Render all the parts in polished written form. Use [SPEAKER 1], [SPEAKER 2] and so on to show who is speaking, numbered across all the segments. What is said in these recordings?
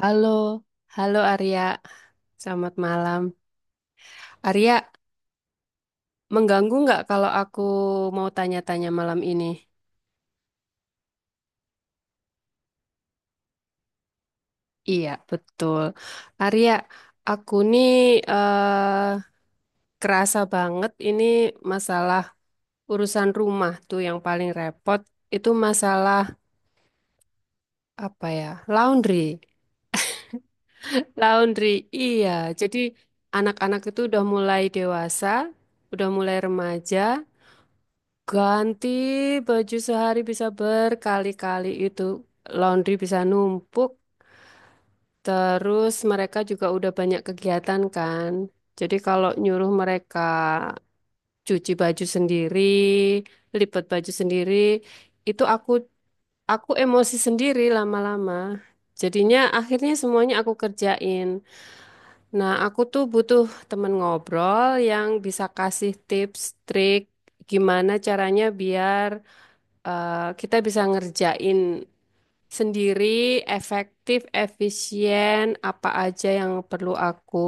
[SPEAKER 1] Halo, halo Arya. Selamat malam. Arya, mengganggu nggak kalau aku mau tanya-tanya malam ini? Iya, betul. Arya, aku nih eh, kerasa banget ini masalah urusan rumah tuh yang paling repot. Itu masalah apa ya? Laundry. Laundry, iya. Jadi anak-anak itu udah mulai dewasa, udah mulai remaja. Ganti baju sehari bisa berkali-kali itu. Laundry bisa numpuk, terus mereka juga udah banyak kegiatan kan. Jadi kalau nyuruh mereka cuci baju sendiri, lipat baju sendiri, itu aku emosi sendiri lama-lama. Jadinya akhirnya semuanya aku kerjain. Nah, aku tuh butuh temen ngobrol yang bisa kasih tips, trik gimana caranya biar kita bisa ngerjain sendiri, efektif, efisien, apa aja yang perlu aku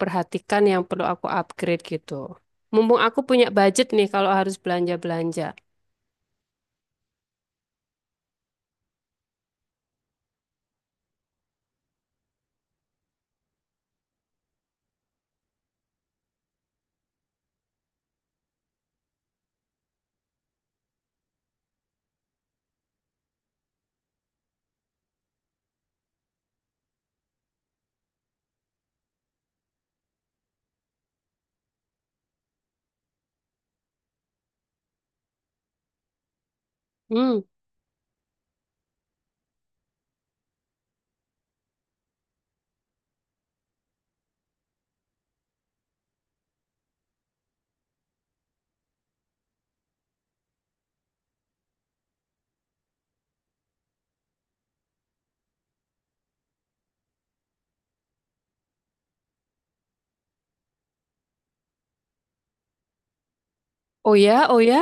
[SPEAKER 1] perhatikan, yang perlu aku upgrade gitu. Mumpung aku punya budget nih kalau harus belanja-belanja. Hmm, oh ya, oh ya,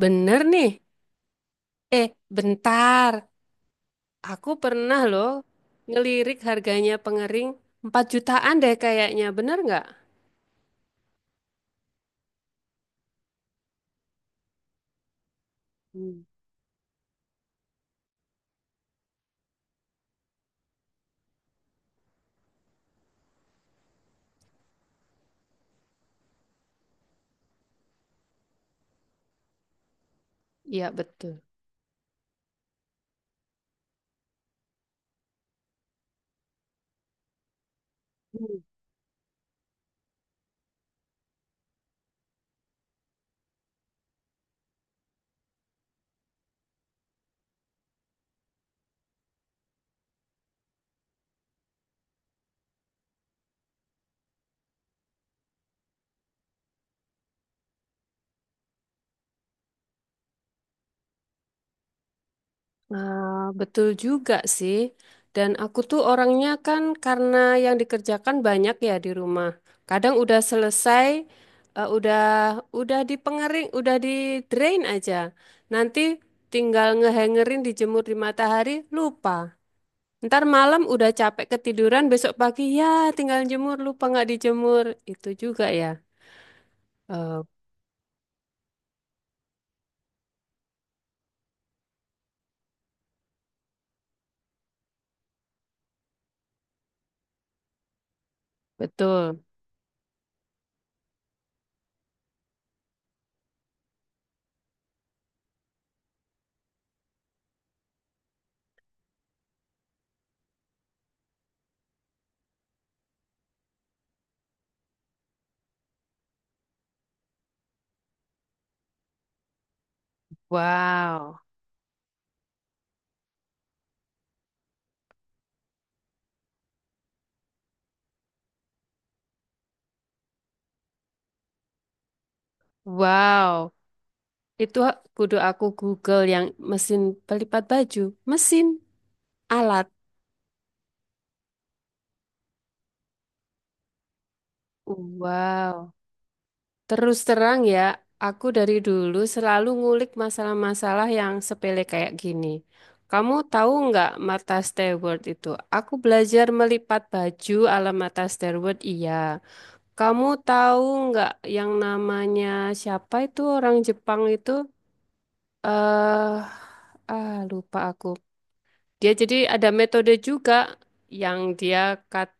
[SPEAKER 1] bener nih. Eh, Bentar. Aku pernah loh ngelirik harganya pengering 4 jutaan deh kayaknya, bener nggak? Hmm, iya, betul. Nah, betul juga sih. Dan aku tuh orangnya kan karena yang dikerjakan banyak ya di rumah. Kadang udah selesai, eh, udah udah di pengering, udah di drain aja. Nanti tinggal ngehangerin dijemur di matahari, lupa. Ntar malam udah capek ketiduran, besok pagi ya tinggal jemur, lupa nggak dijemur. Itu juga ya. Eh, betul. Wow, wow. Itu kudu aku Google yang mesin pelipat baju, mesin alat. Wow. Terus terang ya, aku dari dulu selalu ngulik masalah-masalah yang sepele kayak gini. Kamu tahu nggak Martha Stewart itu? Aku belajar melipat baju ala Martha Stewart, iya. Kamu tahu nggak yang namanya siapa itu orang Jepang itu? Eh, ah lupa aku. Dia jadi ada metode juga yang dia kat-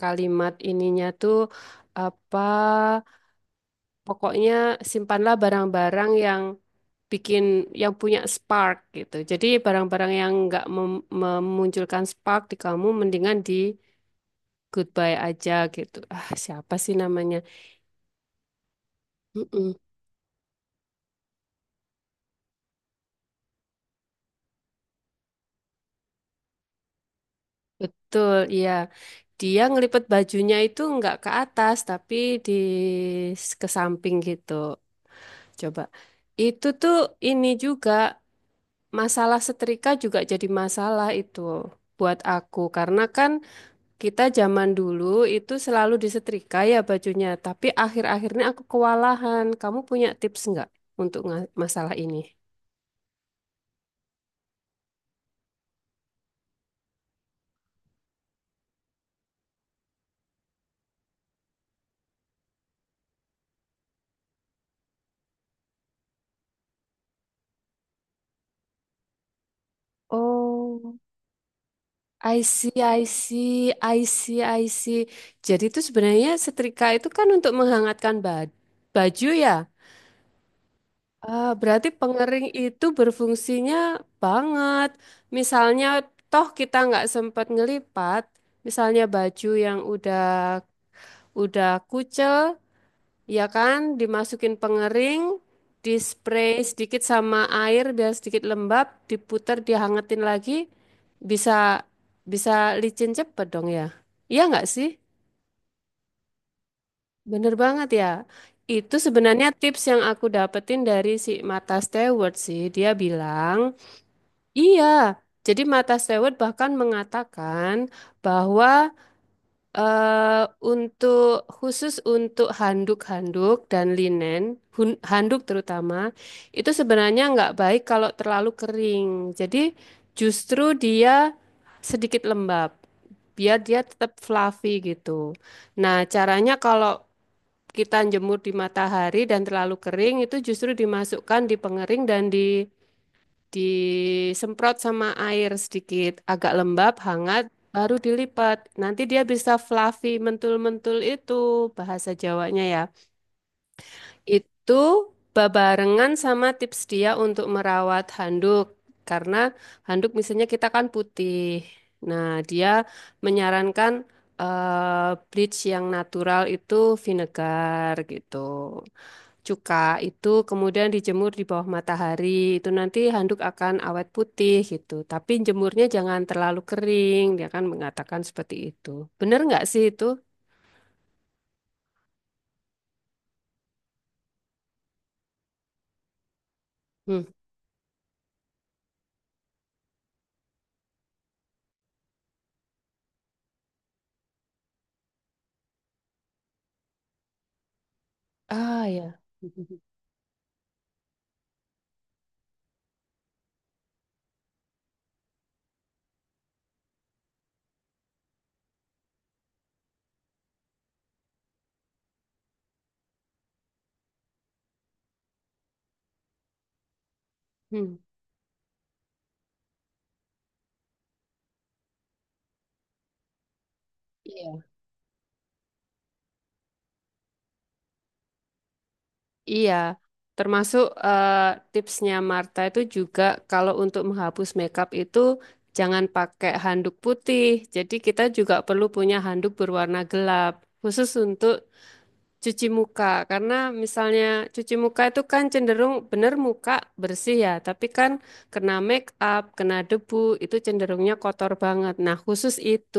[SPEAKER 1] kalimat ininya tuh apa pokoknya simpanlah barang-barang yang bikin yang punya spark gitu. Jadi barang-barang yang nggak memunculkan spark di kamu mendingan di goodbye aja gitu. Ah, siapa sih namanya? Mm-mm, betul, iya. Dia ngelipet bajunya itu nggak ke atas tapi di ke samping gitu. Coba. Itu tuh ini juga masalah setrika juga jadi masalah itu buat aku karena kan kita zaman dulu itu selalu disetrika ya bajunya, tapi akhir-akhirnya aku kewalahan. Kamu punya tips nggak untuk masalah ini? Oh, I see, I see, I see, I see. Jadi itu sebenarnya setrika itu kan untuk menghangatkan baju ya. Ah, berarti pengering itu berfungsinya banget. Misalnya, toh kita nggak sempat ngelipat, misalnya baju yang udah kucel, ya kan, dimasukin pengering, di spray sedikit sama air biar sedikit lembab, diputer, dihangetin lagi, bisa bisa licin cepet dong ya. Iya nggak sih? Bener banget ya. Itu sebenarnya tips yang aku dapetin dari si Mata Stewart sih. Dia bilang iya, jadi Mata Stewart bahkan mengatakan bahwa eh, untuk khusus untuk handuk-handuk dan linen, handuk terutama, itu sebenarnya nggak baik kalau terlalu kering. Jadi justru dia sedikit lembab, biar dia tetap fluffy gitu. Nah, caranya kalau kita jemur di matahari dan terlalu kering itu justru dimasukkan di pengering dan disemprot sama air sedikit agak lembab hangat baru dilipat nanti dia bisa fluffy mentul-mentul itu bahasa Jawanya ya itu babarengan sama tips dia untuk merawat handuk karena handuk misalnya kita kan putih nah dia menyarankan bleach yang natural itu vinegar gitu cuka itu kemudian dijemur di bawah matahari. Itu nanti handuk akan awet putih gitu. Tapi jemurnya jangan terlalu kering. Dia kan mengatakan seperti itu. Bener nggak sih itu? Hmm. Ah ya. Hmm. Iya. Iya. Termasuk tipsnya Marta itu juga kalau untuk menghapus makeup itu jangan pakai handuk putih. Jadi kita juga perlu punya handuk berwarna gelap khusus untuk cuci muka, karena misalnya cuci muka itu kan cenderung bener muka bersih ya, tapi kan kena make up, kena debu, itu cenderungnya kotor banget. Nah, khusus itu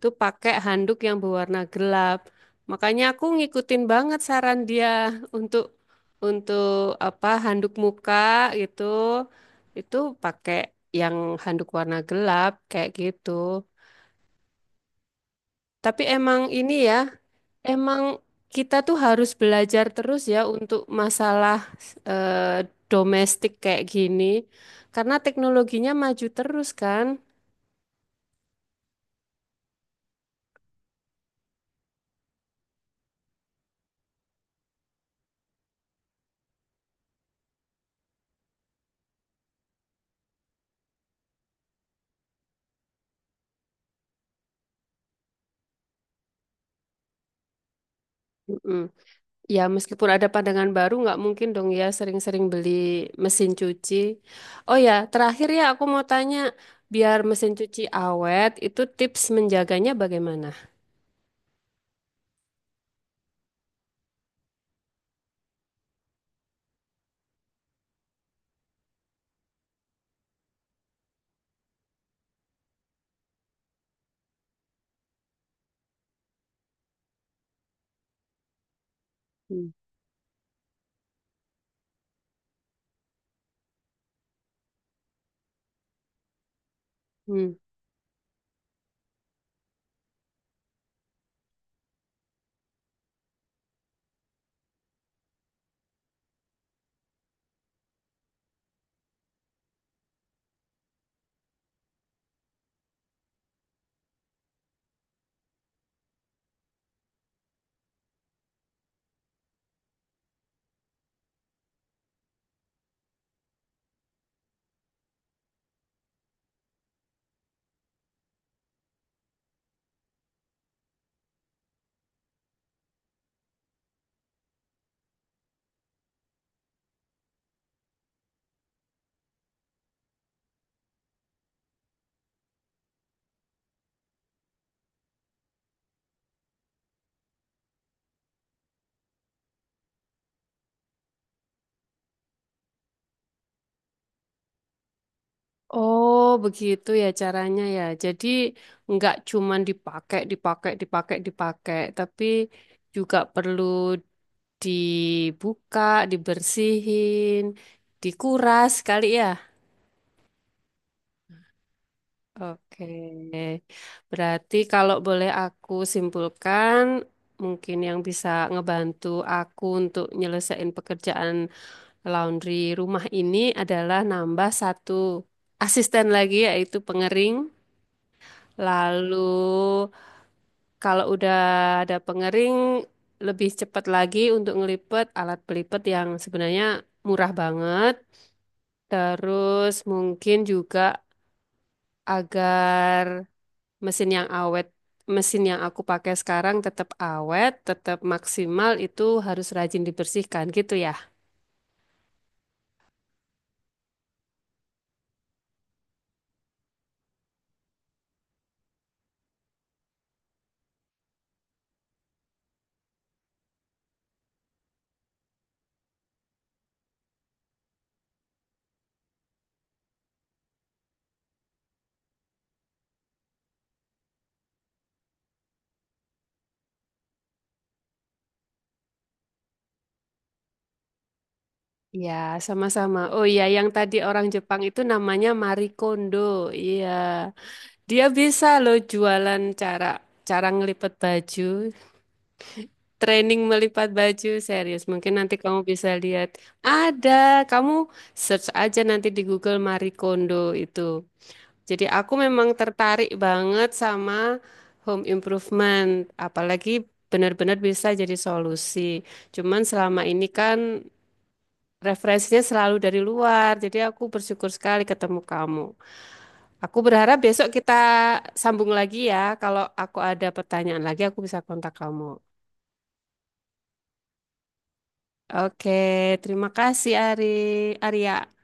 [SPEAKER 1] tuh pakai handuk yang berwarna gelap. Makanya aku ngikutin banget saran dia untuk untuk apa handuk muka gitu, itu pakai yang handuk warna gelap kayak gitu. Tapi emang ini ya, emang kita tuh harus belajar terus ya untuk masalah eh, domestik kayak gini, karena teknologinya maju terus kan. Mm-mm. Ya meskipun ada pandangan baru, nggak mungkin dong ya sering-sering beli mesin cuci. Oh ya, terakhir ya aku mau tanya, biar mesin cuci awet, itu tips menjaganya bagaimana? Hmm. Oh, begitu ya caranya ya. Jadi nggak cuman dipakai, dipakai, dipakai, dipakai, tapi juga perlu dibuka, dibersihin, dikuras kali ya. Oke. Berarti kalau boleh aku simpulkan, mungkin yang bisa ngebantu aku untuk nyelesain pekerjaan laundry rumah ini adalah nambah 1 asisten lagi yaitu pengering. Lalu kalau udah ada pengering lebih cepat lagi untuk ngelipet alat pelipet yang sebenarnya murah banget. Terus mungkin juga agar mesin yang awet, mesin yang aku pakai sekarang tetap awet, tetap maksimal itu harus rajin dibersihkan gitu ya. Ya, sama-sama. Oh iya, yang tadi orang Jepang itu namanya Marie Kondo. Iya. Dia bisa loh jualan cara cara ngelipet baju. Training melipat baju serius. Mungkin nanti kamu bisa lihat. Ada, kamu search aja nanti di Google Marie Kondo itu. Jadi aku memang tertarik banget sama home improvement, apalagi benar-benar bisa jadi solusi. Cuman selama ini kan referensinya selalu dari luar. Jadi aku bersyukur sekali ketemu kamu. Aku berharap besok kita sambung lagi ya. Kalau aku ada pertanyaan lagi, aku bisa kontak kamu. Oke, terima kasih Ari Arya.